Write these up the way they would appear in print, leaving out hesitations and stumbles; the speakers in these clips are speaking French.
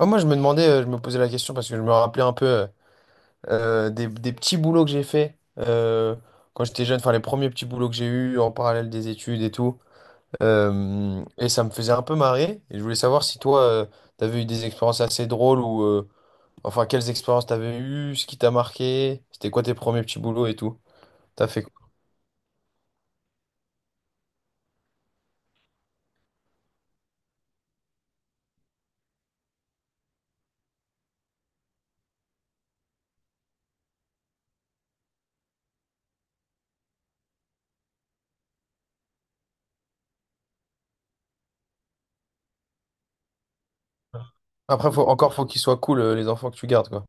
Ouais, moi, je me demandais, je me posais la question parce que je me rappelais un peu des petits boulots que j'ai fait quand j'étais jeune, enfin les premiers petits boulots que j'ai eus en parallèle des études et tout. Et ça me faisait un peu marrer. Et je voulais savoir si toi, t'avais eu des expériences assez drôles ou enfin quelles expériences t'avais eues, ce qui t'a marqué, c'était quoi tes premiers petits boulots et tout. T'as fait quoi? Après, faut, encore, faut qu'ils soient cool, les enfants que tu gardes, quoi.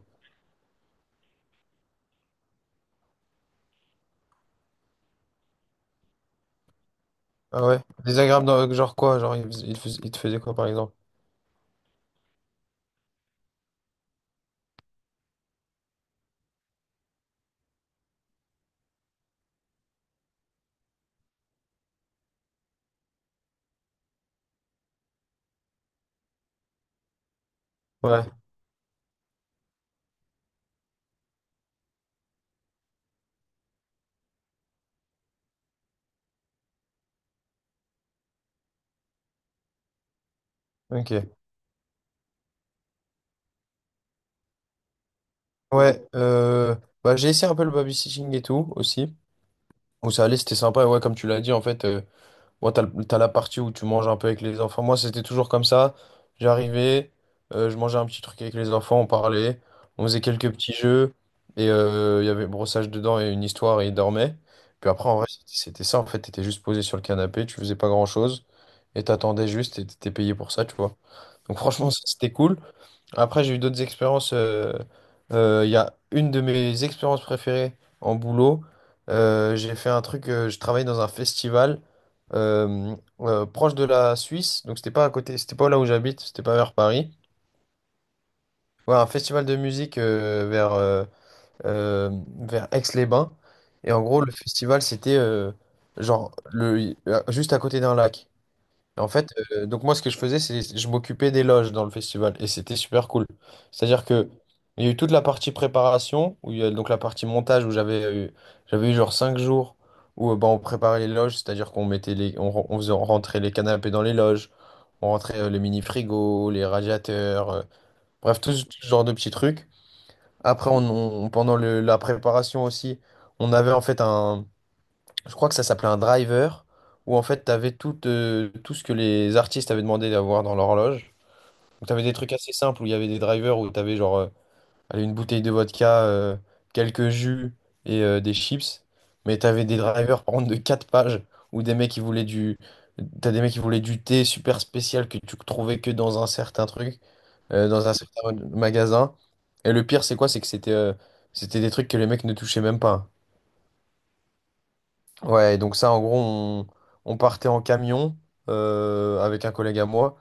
Ah ouais? Désagréable, genre quoi? Genre, ils te faisaient quoi, par exemple? Ouais, ok. Ouais, bah, j'ai essayé un peu le babysitting et tout aussi. Où ça allait, c'était sympa. Et ouais, comme tu l'as dit, en fait, moi, t'as, t'as la partie où tu manges un peu avec les enfants. Moi, c'était toujours comme ça. J'arrivais, je mangeais un petit truc avec les enfants, on parlait, on faisait quelques petits jeux. Et il y avait brossage dedans et une histoire et ils dormaient. Puis après, en vrai, c'était ça. En fait, t'étais juste posé sur le canapé, tu faisais pas grand-chose. Et t'attendais juste et t'étais payé pour ça, tu vois. Donc, franchement, ça, c'était cool. Après, j'ai eu d'autres expériences. Il y a une de mes expériences préférées en boulot. J'ai fait un truc, je travaillais dans un festival euh, proche de la Suisse. Donc, c'était pas à côté, c'était pas là où j'habite, c'était pas vers Paris. Ouais, un festival de musique euh, vers Aix-les-Bains. Et en gros, le festival, c'était genre le, juste à côté d'un lac. En fait, donc moi, ce que je faisais, c'est je m'occupais des loges dans le festival et c'était super cool. C'est-à-dire que il y a eu toute la partie préparation, où il y a donc la partie montage où j'avais eu genre 5 jours où ben, on préparait les loges, c'est-à-dire qu'on mettait on faisait rentrer les canapés dans les loges, on rentrait les mini-frigos, les radiateurs, bref, tout ce genre de petits trucs. Après, on, Pendant la préparation aussi, on avait en fait un, je crois que ça s'appelait un driver, où en fait, tu avais tout, tout ce que les artistes avaient demandé d'avoir dans l'horloge. Donc, tu avais des trucs assez simples où il y avait des drivers où tu avais genre allez, une bouteille de vodka, quelques jus et des chips. Mais tu avais des drivers, par contre, de 4 pages où des mecs qui voulaient du. T'as des mecs qui voulaient du thé super spécial que tu trouvais que dans un certain truc, dans un certain magasin. Et le pire, c'est quoi? C'est que c'était c'était des trucs que les mecs ne touchaient même pas. Ouais, donc ça, en gros, on partait en camion avec un collègue à moi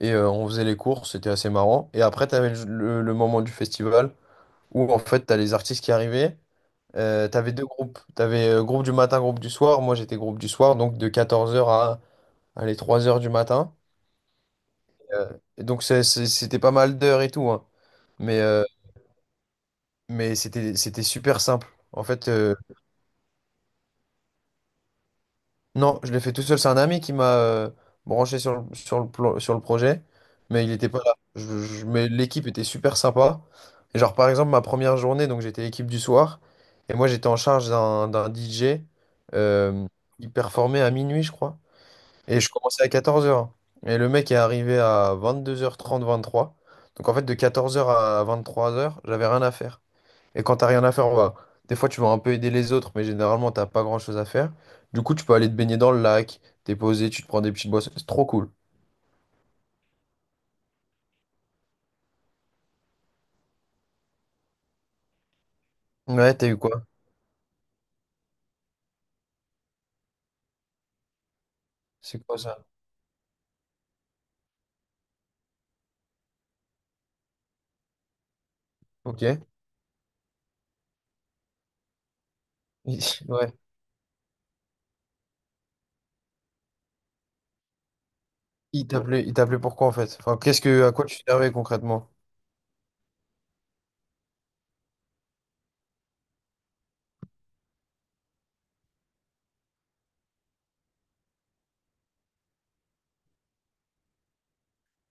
et on faisait les courses, c'était assez marrant. Et après, t'avais le moment du festival où en fait, t'as les artistes qui arrivaient. T'avais 2 groupes, t'avais groupe du matin, groupe du soir. Moi, j'étais groupe du soir, donc de 14 heures à les 3 heures du matin. Euh, et donc, c'était pas mal d'heures et tout, hein. Mais, euh, mais c'était super simple. En fait, non, je l'ai fait tout seul. C'est un ami qui m'a branché sur sur le projet, mais il n'était pas là. Mais l'équipe était super sympa. Et genre, par exemple, ma première journée, donc j'étais équipe du soir, et moi j'étais en charge d'un DJ. Euh, il performait à minuit, je crois. Et je commençais à 14 heures. Et le mec est arrivé à 22h30 23h. Donc en fait, de 14 heures à 23 heures j'avais rien à faire. Et quand t'as rien à faire, on va. Des fois, tu vas un peu aider les autres, mais généralement, t'as pas grand-chose à faire. Du coup, tu peux aller te baigner dans le lac, t'es posé, tu te prends des petites boissons. C'est trop cool. Ouais, t'as eu quoi? C'est quoi ça? Ok. Ouais. Il t'appelait pourquoi en fait? Enfin, qu'est-ce que, à quoi tu servais concrètement?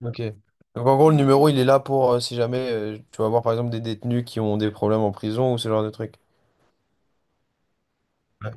Ok. Donc en gros, le numéro, il est là pour si jamais tu vas voir par exemple des détenus qui ont des problèmes en prison ou ce genre de trucs. Ouais.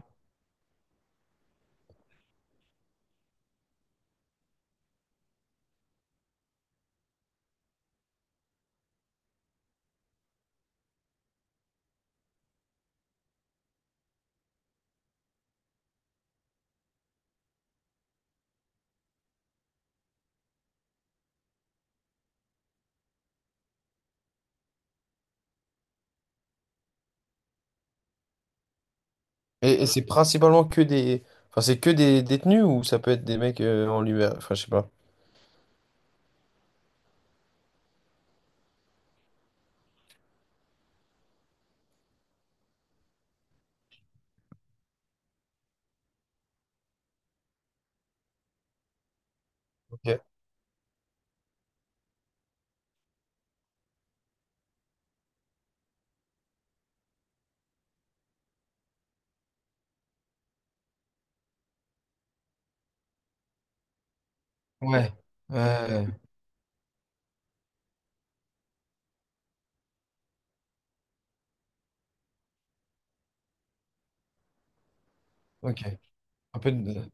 Et c'est principalement que des, enfin c'est que des détenus ou ça peut être des mecs en liberté, enfin je sais pas. Ok. Ouais. Ouais. Ok. Un peu de...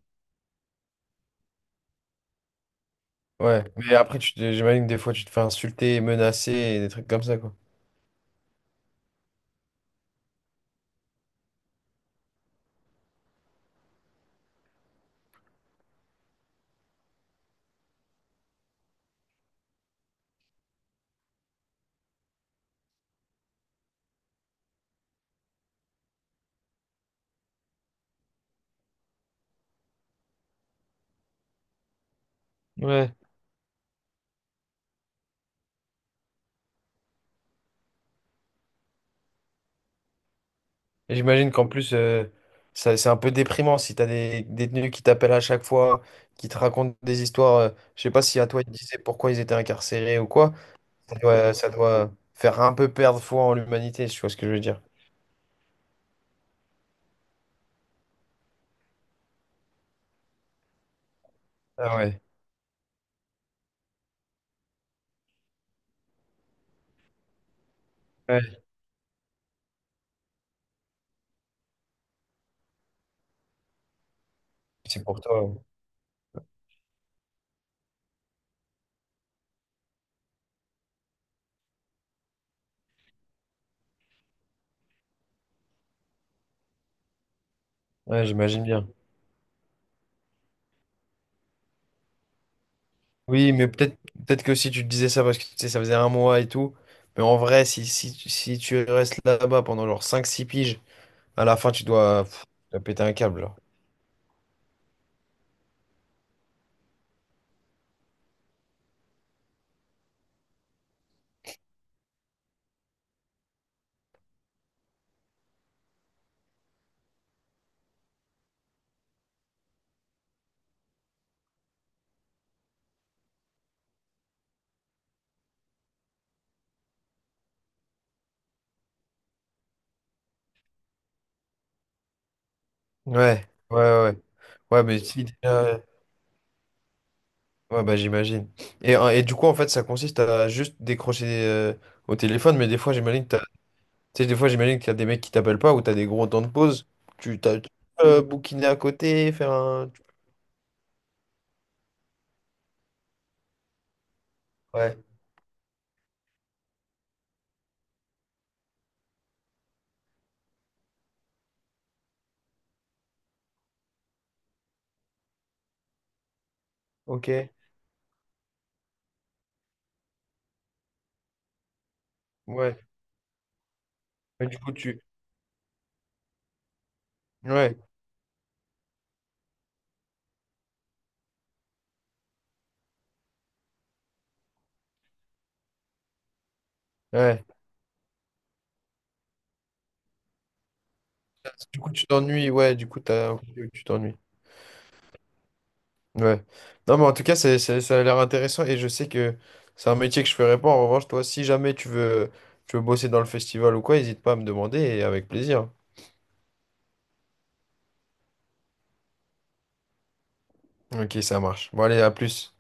Ouais. Mais après, j'imagine que des fois, tu te fais insulter, menacer et des trucs comme ça, quoi. Ouais. Et j'imagine qu'en plus, ça- c'est un peu déprimant si t'as des détenus qui t'appellent à chaque fois, qui te racontent des histoires. Je sais pas si à toi, ils te disaient pourquoi ils étaient incarcérés ou quoi. Ça doit faire un peu perdre foi en l'humanité, si tu vois ce que je veux dire. Ah ouais. Ouais. C'est pour toi. Ouais, ouais, j'imagine bien. Oui, mais peut-être peut-être que si tu te disais ça parce que tu sais, ça faisait 1 mois et tout, mais en vrai, si tu restes là-bas pendant genre 5 6 piges, à la fin, tu dois, pff, tu dois péter un câble, genre. Ouais, ouais, ouais. Ouais, mais si déjà- ouais, bah j'imagine. Et du coup, en fait, ça consiste à juste décrocher au téléphone, mais des fois, j'imagine que t'as... tu sais, des fois, j'imagine qu'il y a des mecs qui t'appellent pas ou t'as des gros temps de pause. Tu peux, bouquiner à côté, faire un... Ouais, ok. Ouais. Mais du coup, tu... Ouais. Ouais. Du coup, tu t'ennuies, ouais, du coup, t'as... ok, ok, tu t'ennuies. Ouais. Non, mais en tout cas, c'est- ça a l'air intéressant et je sais que c'est un métier que je ferais pas. En revanche, toi, si jamais tu veux, tu veux bosser dans le festival ou quoi, n'hésite pas à me demander et avec plaisir. Ok, ça marche. Bon, allez, à plus.